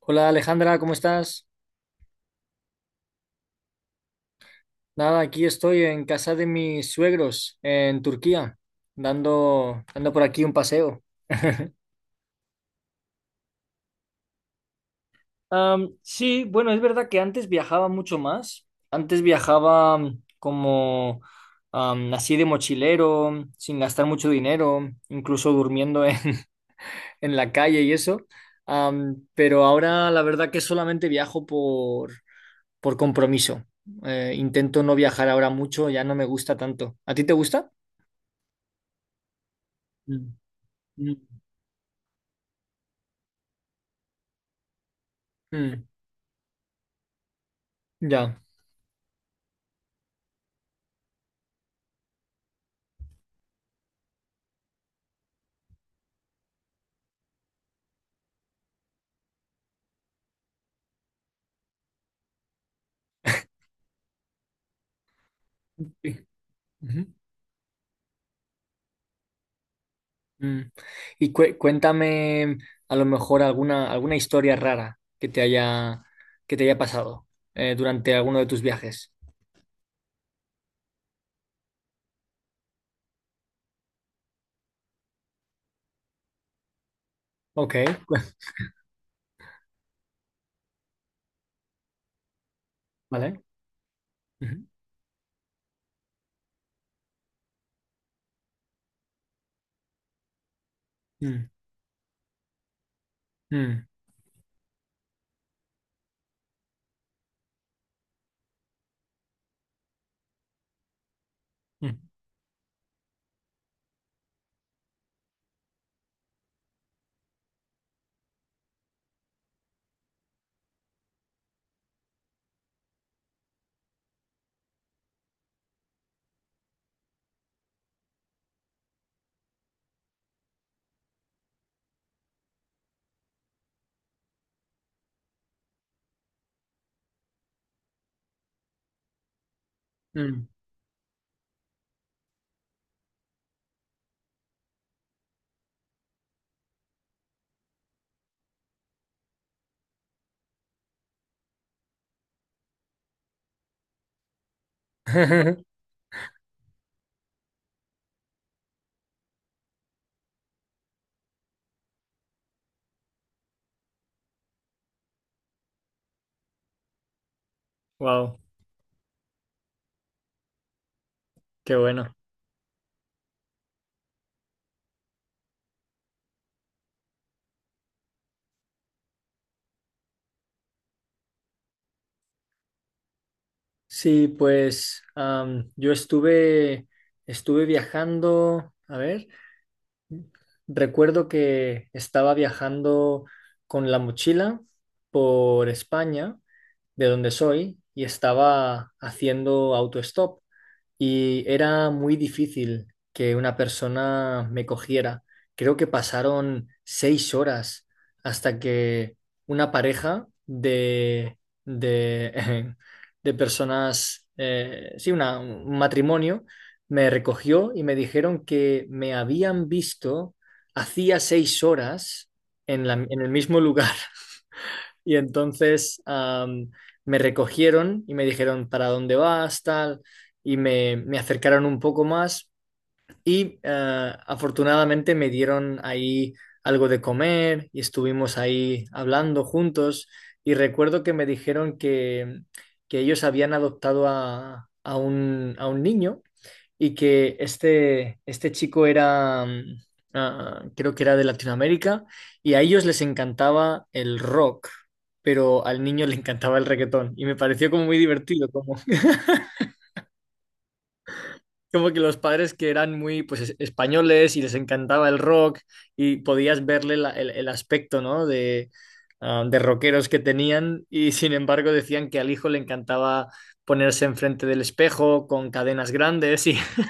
Hola Alejandra, ¿cómo estás? Nada, aquí estoy en casa de mis suegros en Turquía, dando por aquí un paseo. Sí, bueno, es verdad que antes viajaba mucho más. Antes viajaba como así de mochilero, sin gastar mucho dinero, incluso durmiendo en, en la calle y eso. Pero ahora la verdad que solamente viajo por compromiso. Intento no viajar ahora mucho, ya no me gusta tanto. ¿A ti te gusta? Mm, mm, ya. Sí. Ujú. Mm. Y cuéntame a lo mejor alguna historia rara que te haya pasado durante alguno de tus viajes. Ok, vale. Ujú. Mm, mm, mm, mm. Wow, qué bueno. Sí, pues yo estuve viajando, a ver, recuerdo que estaba viajando con la mochila por España, de donde soy, y estaba haciendo autostop y era muy difícil que una persona me cogiera. Creo que pasaron 6 horas hasta que una pareja de, de personas, sí, un matrimonio, me recogió y me dijeron que me habían visto hacía 6 horas en el mismo lugar. Y entonces me recogieron y me dijeron para dónde vas, tal, y me acercaron un poco más y afortunadamente me dieron ahí algo de comer y estuvimos ahí hablando juntos, y recuerdo que me dijeron que ellos habían adoptado a un niño, y que este chico era, creo que era de Latinoamérica, y a ellos les encantaba el rock, pero al niño le encantaba el reggaetón, y me pareció como muy divertido, como, como que los padres, que eran muy, pues, españoles y les encantaba el rock, y podías verle el aspecto, ¿no?, de rockeros que tenían, y sin embargo decían que al hijo le encantaba ponerse enfrente del espejo con cadenas grandes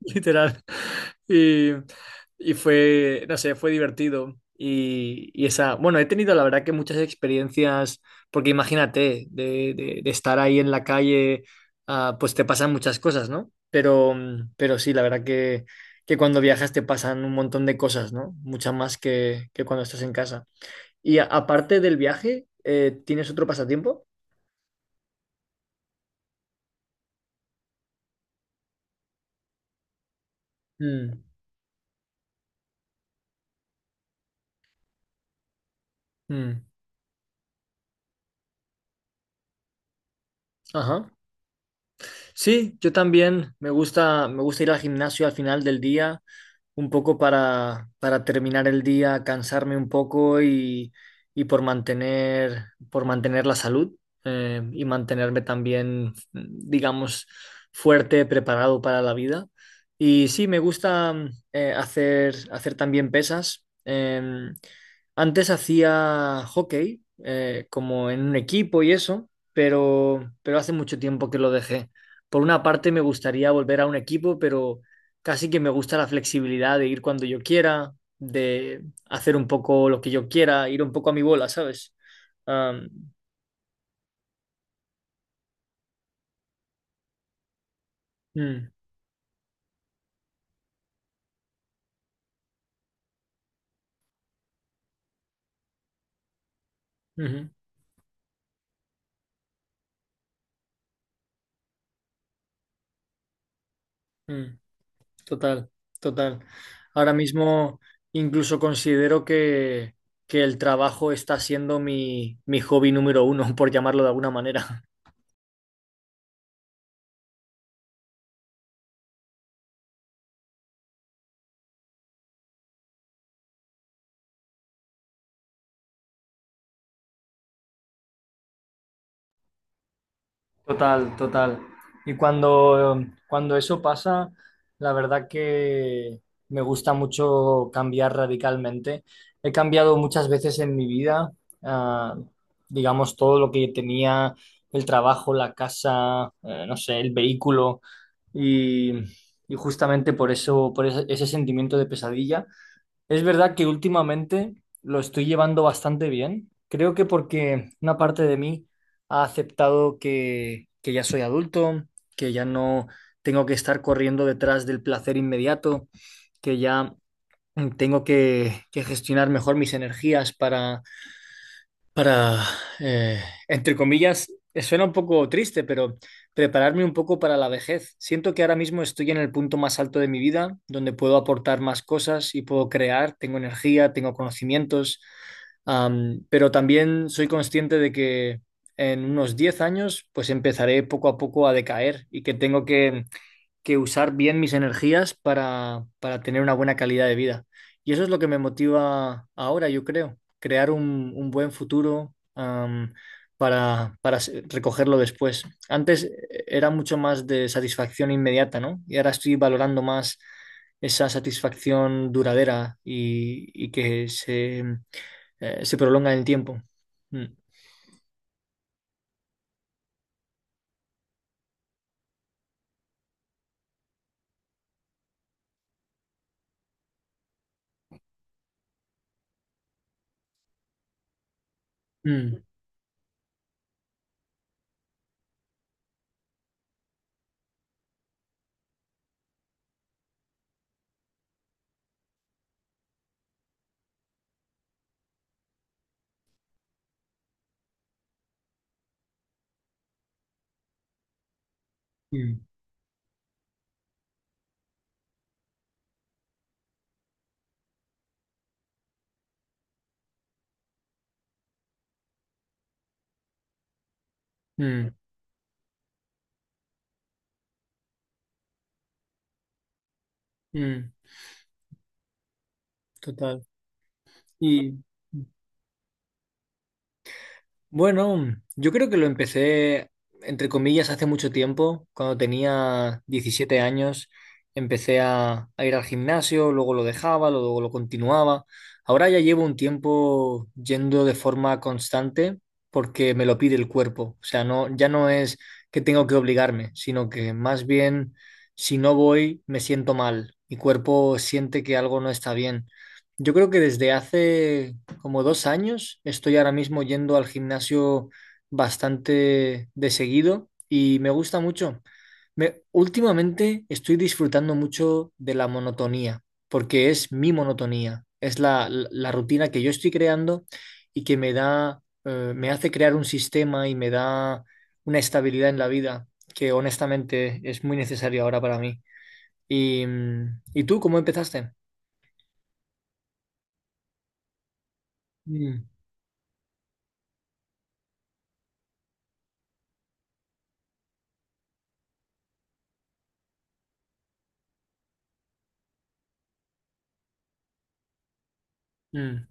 literal. Y, y fue, no sé, fue divertido. Y esa, bueno, he tenido la verdad que muchas experiencias, porque imagínate, de estar ahí en la calle, pues te pasan muchas cosas, ¿no? Pero sí, la verdad que, cuando viajas te pasan un montón de cosas, ¿no? Muchas más que cuando estás en casa. Y aparte del viaje, ¿tienes otro pasatiempo? Mm, mm, ajá. Sí, yo también me gusta, ir al gimnasio al final del día, un poco para terminar el día, cansarme un poco y por mantener la salud, y mantenerme también, digamos, fuerte, preparado para la vida. Y sí, me gusta hacer también pesas. Antes hacía hockey, como en un equipo y eso, pero hace mucho tiempo que lo dejé. Por una parte me gustaría volver a un equipo, pero casi que me gusta la flexibilidad de ir cuando yo quiera, de hacer un poco lo que yo quiera, ir un poco a mi bola, ¿sabes? Am, mm, ujú, mm, total, total. Ahora mismo incluso considero que, el trabajo está siendo mi hobby número uno, por llamarlo de alguna manera. Total, total. Y cuando eso pasa, la verdad que me gusta mucho cambiar radicalmente. He cambiado muchas veces en mi vida, ah, digamos, todo lo que tenía: el trabajo, la casa, no sé, el vehículo, y, y, justamente por eso, por ese sentimiento de pesadilla. Es verdad que últimamente lo estoy llevando bastante bien. Creo que porque una parte de mí ha aceptado que, ya soy adulto, que ya no tengo que estar corriendo detrás del placer inmediato, que ya tengo que gestionar mejor mis energías para, eh, entre comillas, suena un poco triste, pero prepararme un poco para la vejez. Siento que ahora mismo estoy en el punto más alto de mi vida, donde puedo aportar más cosas y puedo crear, tengo energía, tengo conocimientos, pero también soy consciente de que en unos 10 años pues empezaré poco a poco a decaer, y que tengo que usar bien mis energías para, tener una buena calidad de vida. Y eso es lo que me motiva ahora, yo creo: crear un, buen futuro, para recogerlo después. Antes era mucho más de satisfacción inmediata, ¿no? Y ahora estoy valorando más esa satisfacción duradera y que se prolonga en el tiempo. Mm, mm, mm, mm, mm, total. Y. Bueno, yo creo que lo empecé, entre comillas, hace mucho tiempo. Cuando tenía 17 años, empecé a ir al gimnasio, luego lo dejaba, luego lo continuaba. Ahora ya llevo un tiempo yendo de forma constante porque me lo pide el cuerpo. O sea, no, ya no es que tengo que obligarme, sino que más bien si no voy, me siento mal. Mi cuerpo siente que algo no está bien. Yo creo que desde hace como 2 años estoy ahora mismo yendo al gimnasio bastante de seguido y me gusta mucho. Me, últimamente estoy disfrutando mucho de la monotonía, porque es mi monotonía, es la rutina que yo estoy creando, y que me da, me hace crear un sistema y me da una estabilidad en la vida que honestamente es muy necesaria ahora para mí. ¿Y tú cómo empezaste? Mm, mm,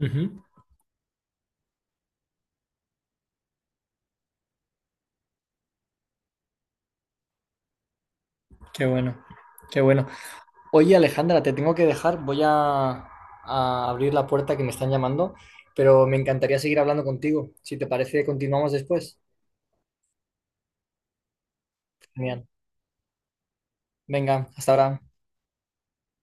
ujú. Qué bueno, qué bueno. Oye, Alejandra, te tengo que dejar. Voy a abrir la puerta, que me están llamando, pero me encantaría seguir hablando contigo. Si te parece, continuamos después. Genial. Venga, hasta ahora.